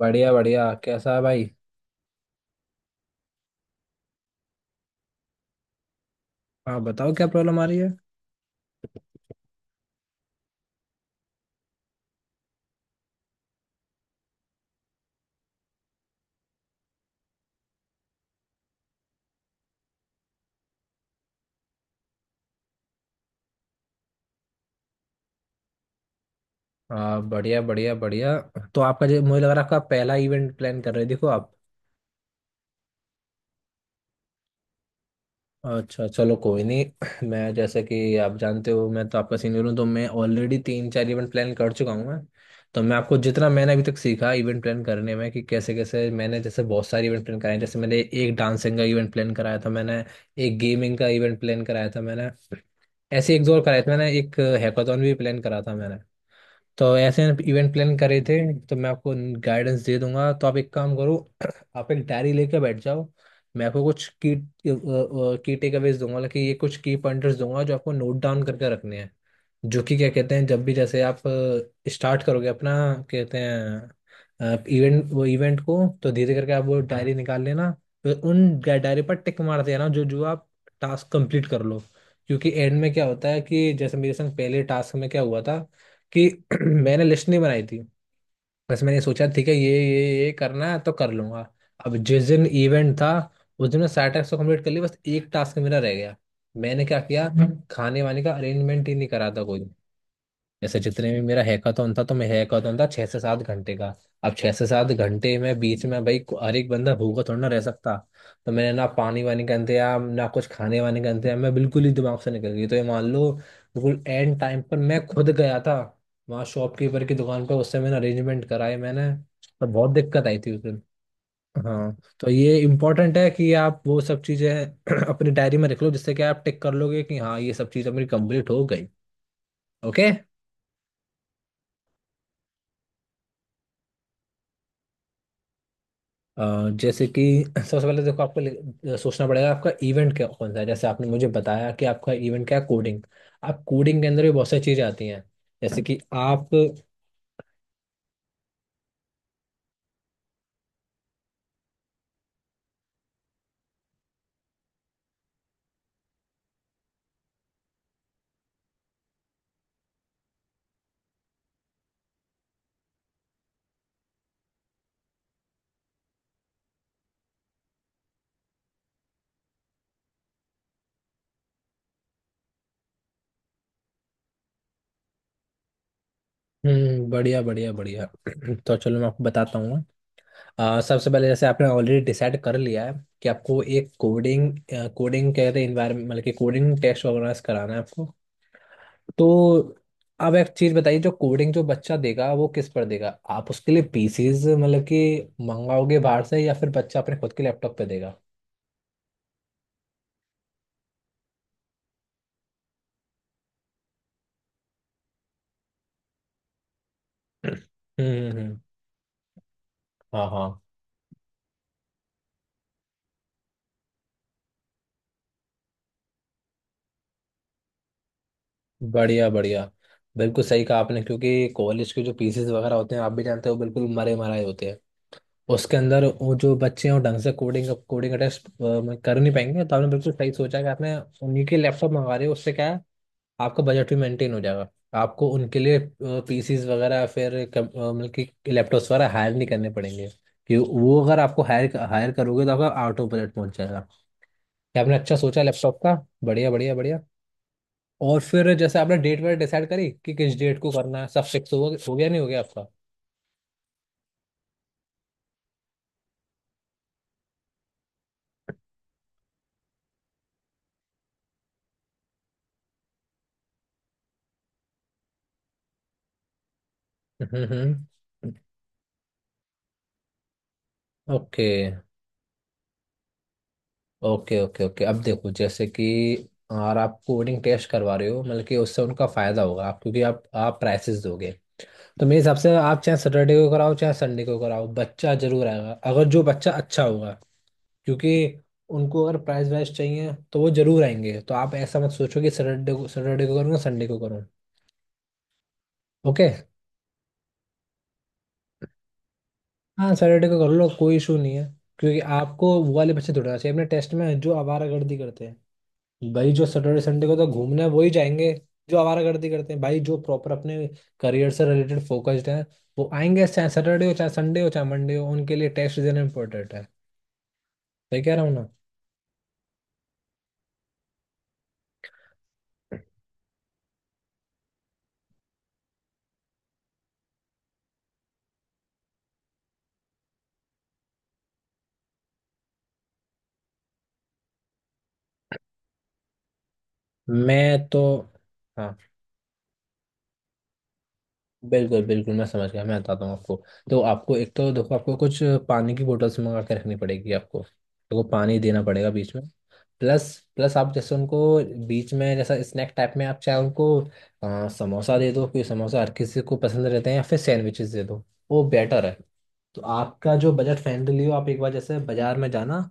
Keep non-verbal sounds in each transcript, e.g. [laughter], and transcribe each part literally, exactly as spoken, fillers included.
बढ़िया बढ़िया। कैसा है भाई? हाँ, बताओ क्या प्रॉब्लम आ रही है? हाँ, बढ़िया बढ़िया बढ़िया। तो आपका जो मुझे लग रहा है आपका पहला इवेंट प्लान कर रहे हो देखो आप। अच्छा चलो कोई नहीं, मैं जैसे कि आप जानते हो मैं तो आपका सीनियर हूँ, तो मैं ऑलरेडी तीन चार इवेंट प्लान कर चुका हूँ मैं। तो मैं आपको जितना मैंने अभी तक सीखा इवेंट प्लान करने में कि कैसे कैसे मैंने जैसे बहुत सारे इवेंट प्लान कराए हैं। जैसे मैंने एक डांसिंग का इवेंट प्लान कराया था मैंने। एक गेमिंग का इवेंट प्लान कराया था मैंने। ऐसे एक दो और कराए थे मैंने, एक हैकाथॉन भी प्लान करा था मैंने। तो ऐसे इवेंट प्लान करे थे। तो मैं आपको गाइडेंस दे दूंगा, तो आप एक काम करो। [clears throat] आप एक डायरी लेके बैठ जाओ। मैं आपको कुछ की की टेकअवेज दूंगा, मतलब कि ये कुछ की पॉइंटर्स दूंगा जो आपको नोट डाउन करके रखने हैं, जो कि क्या कहते हैं जब भी जैसे आप स्टार्ट करोगे अपना, कहते हैं इवेंट, वो इवेंट को तो धीरे करके आप वो डायरी निकाल लेना। फिर उन डायरी पर टिक मार देना जो जो आप टास्क कंप्लीट कर लो। क्योंकि एंड में क्या होता है कि जैसे मेरे संग पहले टास्क में क्या हुआ था कि [clears throat] मैंने लिस्ट नहीं बनाई थी। बस मैंने सोचा ठीक है ये ये ये करना है तो कर लूंगा। अब जिस दिन इवेंट था उस दिन मैं सारे टास्क तो कंप्लीट कर लिए, बस एक टास्क मेरा रह गया। मैंने क्या किया, खाने वाने का अरेंजमेंट ही नहीं करा था कोई। जैसे जितने भी मेरा हैकाथॉन था, तो मैं हैकाथॉन था छह से सात घंटे का। अब छह से सात घंटे में बीच में भाई को- हर एक बंदा भूखा थोड़ा ना रह सकता। तो मैंने ना पानी वानी का इंतजाम ना कुछ खाने वाने का इंतजाम, मैं बिल्कुल ही दिमाग से निकल गई। तो ये मान लो बिल्कुल एंड टाइम पर मैं खुद गया था वहाँ शॉपकीपर की दुकान पर, उससे मैंने अरेंजमेंट कराए मैंने। तो बहुत दिक्कत आई थी उस दिन। हाँ, तो ये इम्पोर्टेंट है कि आप वो सब चीज़ें [clears throat] अपनी डायरी में रख लो, जिससे कि आप टिक कर लोगे कि हाँ ये सब चीज़ मेरी कंप्लीट हो गई। ओके। अ, जैसे कि सबसे पहले देखो आपको ले- सोचना पड़ेगा आपका इवेंट क्या कौन सा है। जैसे आपने मुझे बताया कि आपका इवेंट क्या है, कोडिंग। आप कोडिंग के अंदर भी बहुत सारी चीज़ें आती हैं। जैसे कि आप, हम्म, बढ़िया बढ़िया बढ़िया। [clears throat] तो चलो मैं आपको बताता हूँ। अ, सबसे पहले जैसे आपने ऑलरेडी डिसाइड कर लिया है कि आपको एक कोडिंग कोडिंग कहते हैं इन्वायरमेंट, मतलब कि कोडिंग टेस्ट ऑर्गेनाइज कराना है आपको। तो अब एक चीज बताइए, जो कोडिंग जो बच्चा देगा वो किस पर देगा? आप उसके लिए पीसीज मतलब कि मंगाओगे बाहर से, या फिर बच्चा अपने खुद के लैपटॉप पे देगा? हम्म हम्म, हाँ हाँ, बढ़िया बढ़िया। बिल्कुल सही कहा आपने, क्योंकि कॉलेज के जो पीसीज वगैरह होते हैं आप भी जानते हो बिल्कुल मरे मराए होते हैं। उसके अंदर वो जो बच्चे हैं वो ढंग से कोडिंग कोडिंग का टेस्ट कर नहीं पाएंगे। तो आपने बिल्कुल सही सोचा कि आपने उन्हीं के लैपटॉप मंगा रहे हो। उससे क्या है, आपका बजट भी मेंटेन हो जाएगा। आपको उनके लिए पीसीज वगैरह फिर कम- अ, मतलब कि लैपटॉप्स वगैरह हायर नहीं करने पड़ेंगे। कि वो अगर आपको हायर हायर करोगे तो आपका आउट ऑफ बजट पहुंच जाएगा। क्या आपने अच्छा सोचा लैपटॉप का, बढ़िया बढ़िया बढ़िया। और फिर जैसे आपने डेट वेट डिसाइड करी कि किस डेट को करना है, सब फिक्स हो हो गया, नहीं हो गया आपका? हम्म हम्म, हम्म। ओके ओके ओके, ओके अब देखो जैसे कि, और आप कोडिंग टेस्ट करवा रहे हो मतलब कि उससे उनका फायदा होगा आप, क्योंकि आप आप प्राइसेस दोगे। तो मेरे हिसाब से आप चाहे सैटरडे को कराओ चाहे संडे को कराओ, बच्चा जरूर आएगा अगर जो बच्चा अच्छा होगा। क्योंकि उनको अगर प्राइस वाइज चाहिए तो वो जरूर आएंगे। तो आप ऐसा मत सोचो कि सैटरडे को सैटरडे को करूँगा संडे को करूँ। ओके, हाँ सैटरडे को कर लो, कोई इशू नहीं है। क्योंकि आपको वो वाले बच्चे ढूंढना चाहिए अपने टेस्ट में, जो आवारागर्दी करते हैं भाई जो सैटरडे संडे को तो घूमने वही जाएंगे। जो आवारागर्दी करते हैं भाई, जो प्रॉपर अपने करियर से रिलेटेड फोकस्ड हैं, वो आएंगे चाहे सैटरडे हो चाहे संडे हो चाहे मंडे हो, उनके लिए टेस्ट देना इंपॉर्टेंट है। मैं कह रहा हूँ ना, मैं तो, हाँ बिल्कुल बिल्कुल, मैं समझ गया, मैं बताता हूँ आपको। तो आपको एक तो देखो आपको कुछ पानी की बोतल्स मंगा के रखनी पड़ेगी, आपको देखो पानी देना पड़ेगा बीच में। प्लस प्लस आप जैसे उनको बीच में जैसा स्नैक टाइप में आप चाहे उनको अ, समोसा दे दो, क्योंकि समोसा हर किसी को पसंद रहते हैं, या फिर सैंडविचेस दे दो, वो बेटर है। तो आपका जो बजट फ्रेंडली हो आप एक बार जैसे बाजार में जाना,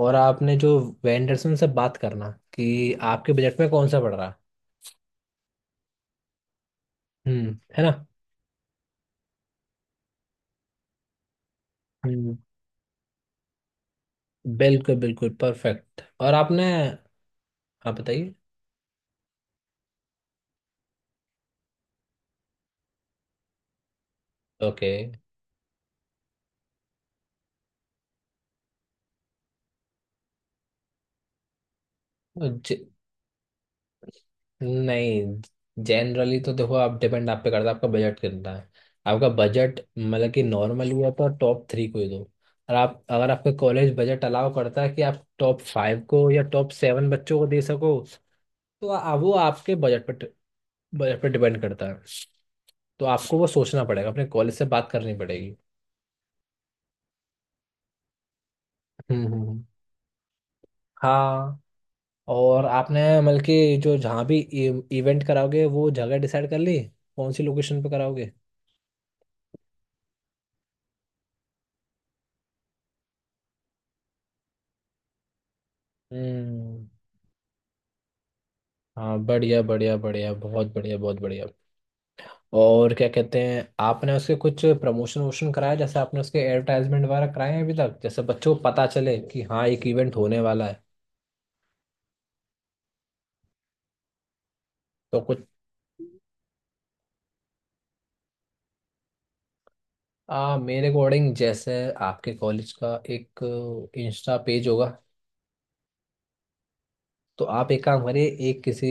और आपने जो वेंडर्स उनसे बात करना कि आपके बजट में कौन सा पड़ रहा है। हम्म है ना, हम्म, बिल्कुल बिल्कुल परफेक्ट। और आपने आप बताइए। ओके, ज, नहीं, जनरली तो देखो आप डिपेंड आप पे करता है आपका बजट कितना है। आपका बजट मतलब कि नॉर्मल हुआ तो टॉप थ्री को ही दो। और आप अगर आपका कॉलेज बजट अलाउ करता है कि आप टॉप फाइव को या टॉप सेवन बच्चों को दे सको, तो आ, वो आपके बजट पर बजट पर डिपेंड करता है। तो आपको वो सोचना पड़ेगा, अपने कॉलेज से बात करनी पड़ेगी। हम्म हम्म, हम्म। हाँ, और आपने मतलब कि जो जहाँ भी इवेंट कराओगे वो जगह डिसाइड कर ली? कौन सी लोकेशन पे कराओगे? हम्म, हाँ बढ़िया बढ़िया बढ़िया बहुत बढ़िया बहुत बढ़िया। और क्या कहते हैं आपने उसके कुछ प्रमोशन वोशन कराया? जैसे आपने उसके एडवर्टाइजमेंट वगैरह कराए हैं अभी तक जैसे बच्चों को पता चले कि हाँ एक इवेंट होने वाला है? तो कुछ आ, मेरे अकॉर्डिंग जैसे आपके कॉलेज का एक इंस्टा पेज होगा। तो आप एक काम करिए, एक किसी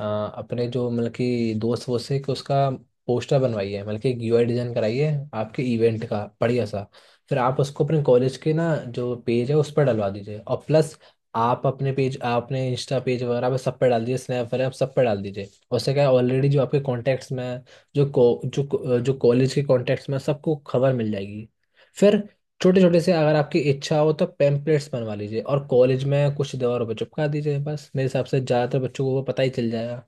अ, अपने जो मतलब कि दोस्त वोस्त से कि उसका पोस्टर बनवाइए, मतलब कि एक यूआई डिजाइन कराइए आपके इवेंट का बढ़िया सा। फिर आप उसको अपने कॉलेज के ना जो पेज है उस पर डलवा दीजिए, और प्लस आप अपने पेज अपने इंस्टा पेज वगैरह पे सब पे डाल दीजिए, स्नैप वगैरह सब पे डाल दीजिए। उससे क्या है, ऑलरेडी जो आपके कॉन्टैक्ट्स में हैं, जो को, जो जो कॉलेज के कॉन्टैक्ट्स में हैं, सबको खबर मिल जाएगी। फिर छोटे छोटे से अगर आपकी इच्छा हो तो पैम्पलेट्स बनवा लीजिए, और कॉलेज में कुछ दीवारों पे चिपका दीजिए, बस मेरे हिसाब से ज़्यादातर बच्चों को वो पता ही चल जाएगा।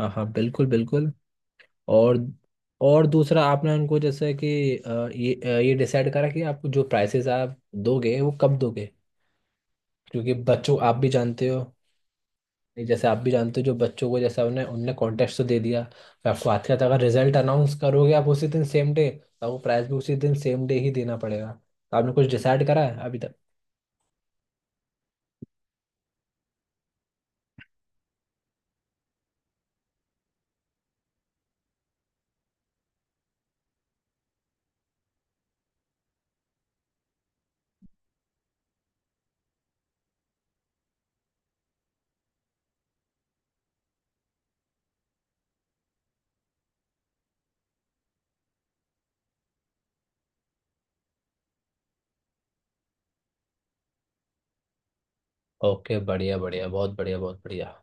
हाँ हाँ, बिल्कुल बिल्कुल। और और दूसरा आपने उनको जैसे कि अ, ये अ, ये डिसाइड करा कि आप जो प्राइसेस आप दोगे वो कब दोगे? क्योंकि बच्चों आप भी जानते हो, नहीं, जैसे आप भी जानते हो जो बच्चों को जैसा उन्हें उनने कॉन्टेस्ट तो दे दिया, तो आपको आते आते अगर रिजल्ट अनाउंस करोगे आप उसी दिन सेम डे, तो आपको प्राइस भी उसी दिन सेम डे ही देना पड़ेगा। तो आपने कुछ डिसाइड करा है अभी तक? ओके, बढ़िया बढ़िया बहुत बढ़िया बहुत बढ़िया।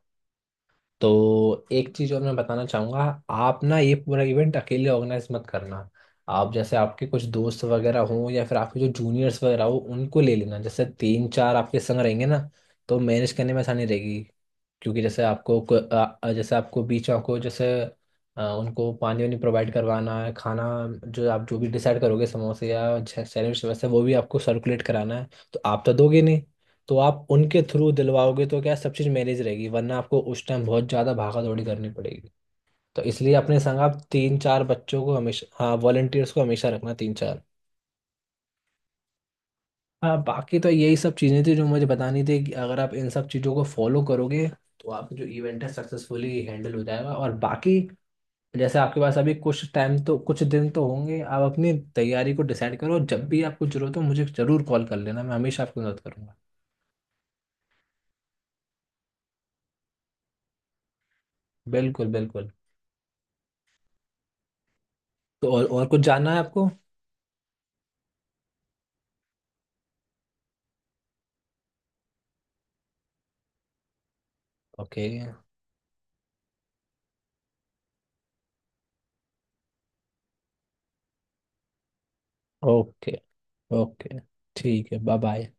तो एक चीज और मैं बताना चाहूंगा। आप ना ये पूरा इवेंट अकेले ऑर्गेनाइज मत करना। आप जैसे आपके कुछ दोस्त वगैरह हों या फिर आपके जो जूनियर्स वगैरह हो उनको ले लेना, जैसे तीन चार आपके संग रहेंगे ना, तो मैनेज करने में आसानी रहेगी। क्योंकि जैसे आपको को- अ- अ- जैसे आपको बीच में आपको जैसे अ, उनको पानी वानी प्रोवाइड करवाना है, खाना जो आप जो भी डिसाइड करोगे समोसे या सैंडविच वैसे, वो भी आपको सर्कुलेट कराना है। तो आप तो दोगे नहीं, तो आप उनके थ्रू दिलवाओगे तो क्या सब चीज़ मैनेज रहेगी, वरना आपको उस टाइम बहुत ज़्यादा भागा दौड़ी करनी पड़ेगी। तो इसलिए अपने संग आप तीन चार बच्चों को हमेशा, हाँ वॉलंटियर्स को हमेशा रखना तीन चार। हाँ, बाकी तो यही सब चीज़ें थी जो मुझे बतानी थी कि अगर आप इन सब चीज़ों को फॉलो करोगे, तो आपका जो इवेंट है सक्सेसफुली हैंडल हो जाएगा। और बाकी जैसे आपके पास अभी कुछ टाइम तो कुछ दिन तो होंगे, आप अपनी तैयारी को डिसाइड करो। जब भी आपको जरूरत हो मुझे ज़रूर कॉल कर लेना, मैं हमेशा आपकी मदद करूंगा। बिल्कुल बिल्कुल। तो और, और कुछ जानना है आपको? Okay okay okay. ठीक है, बाय बाय।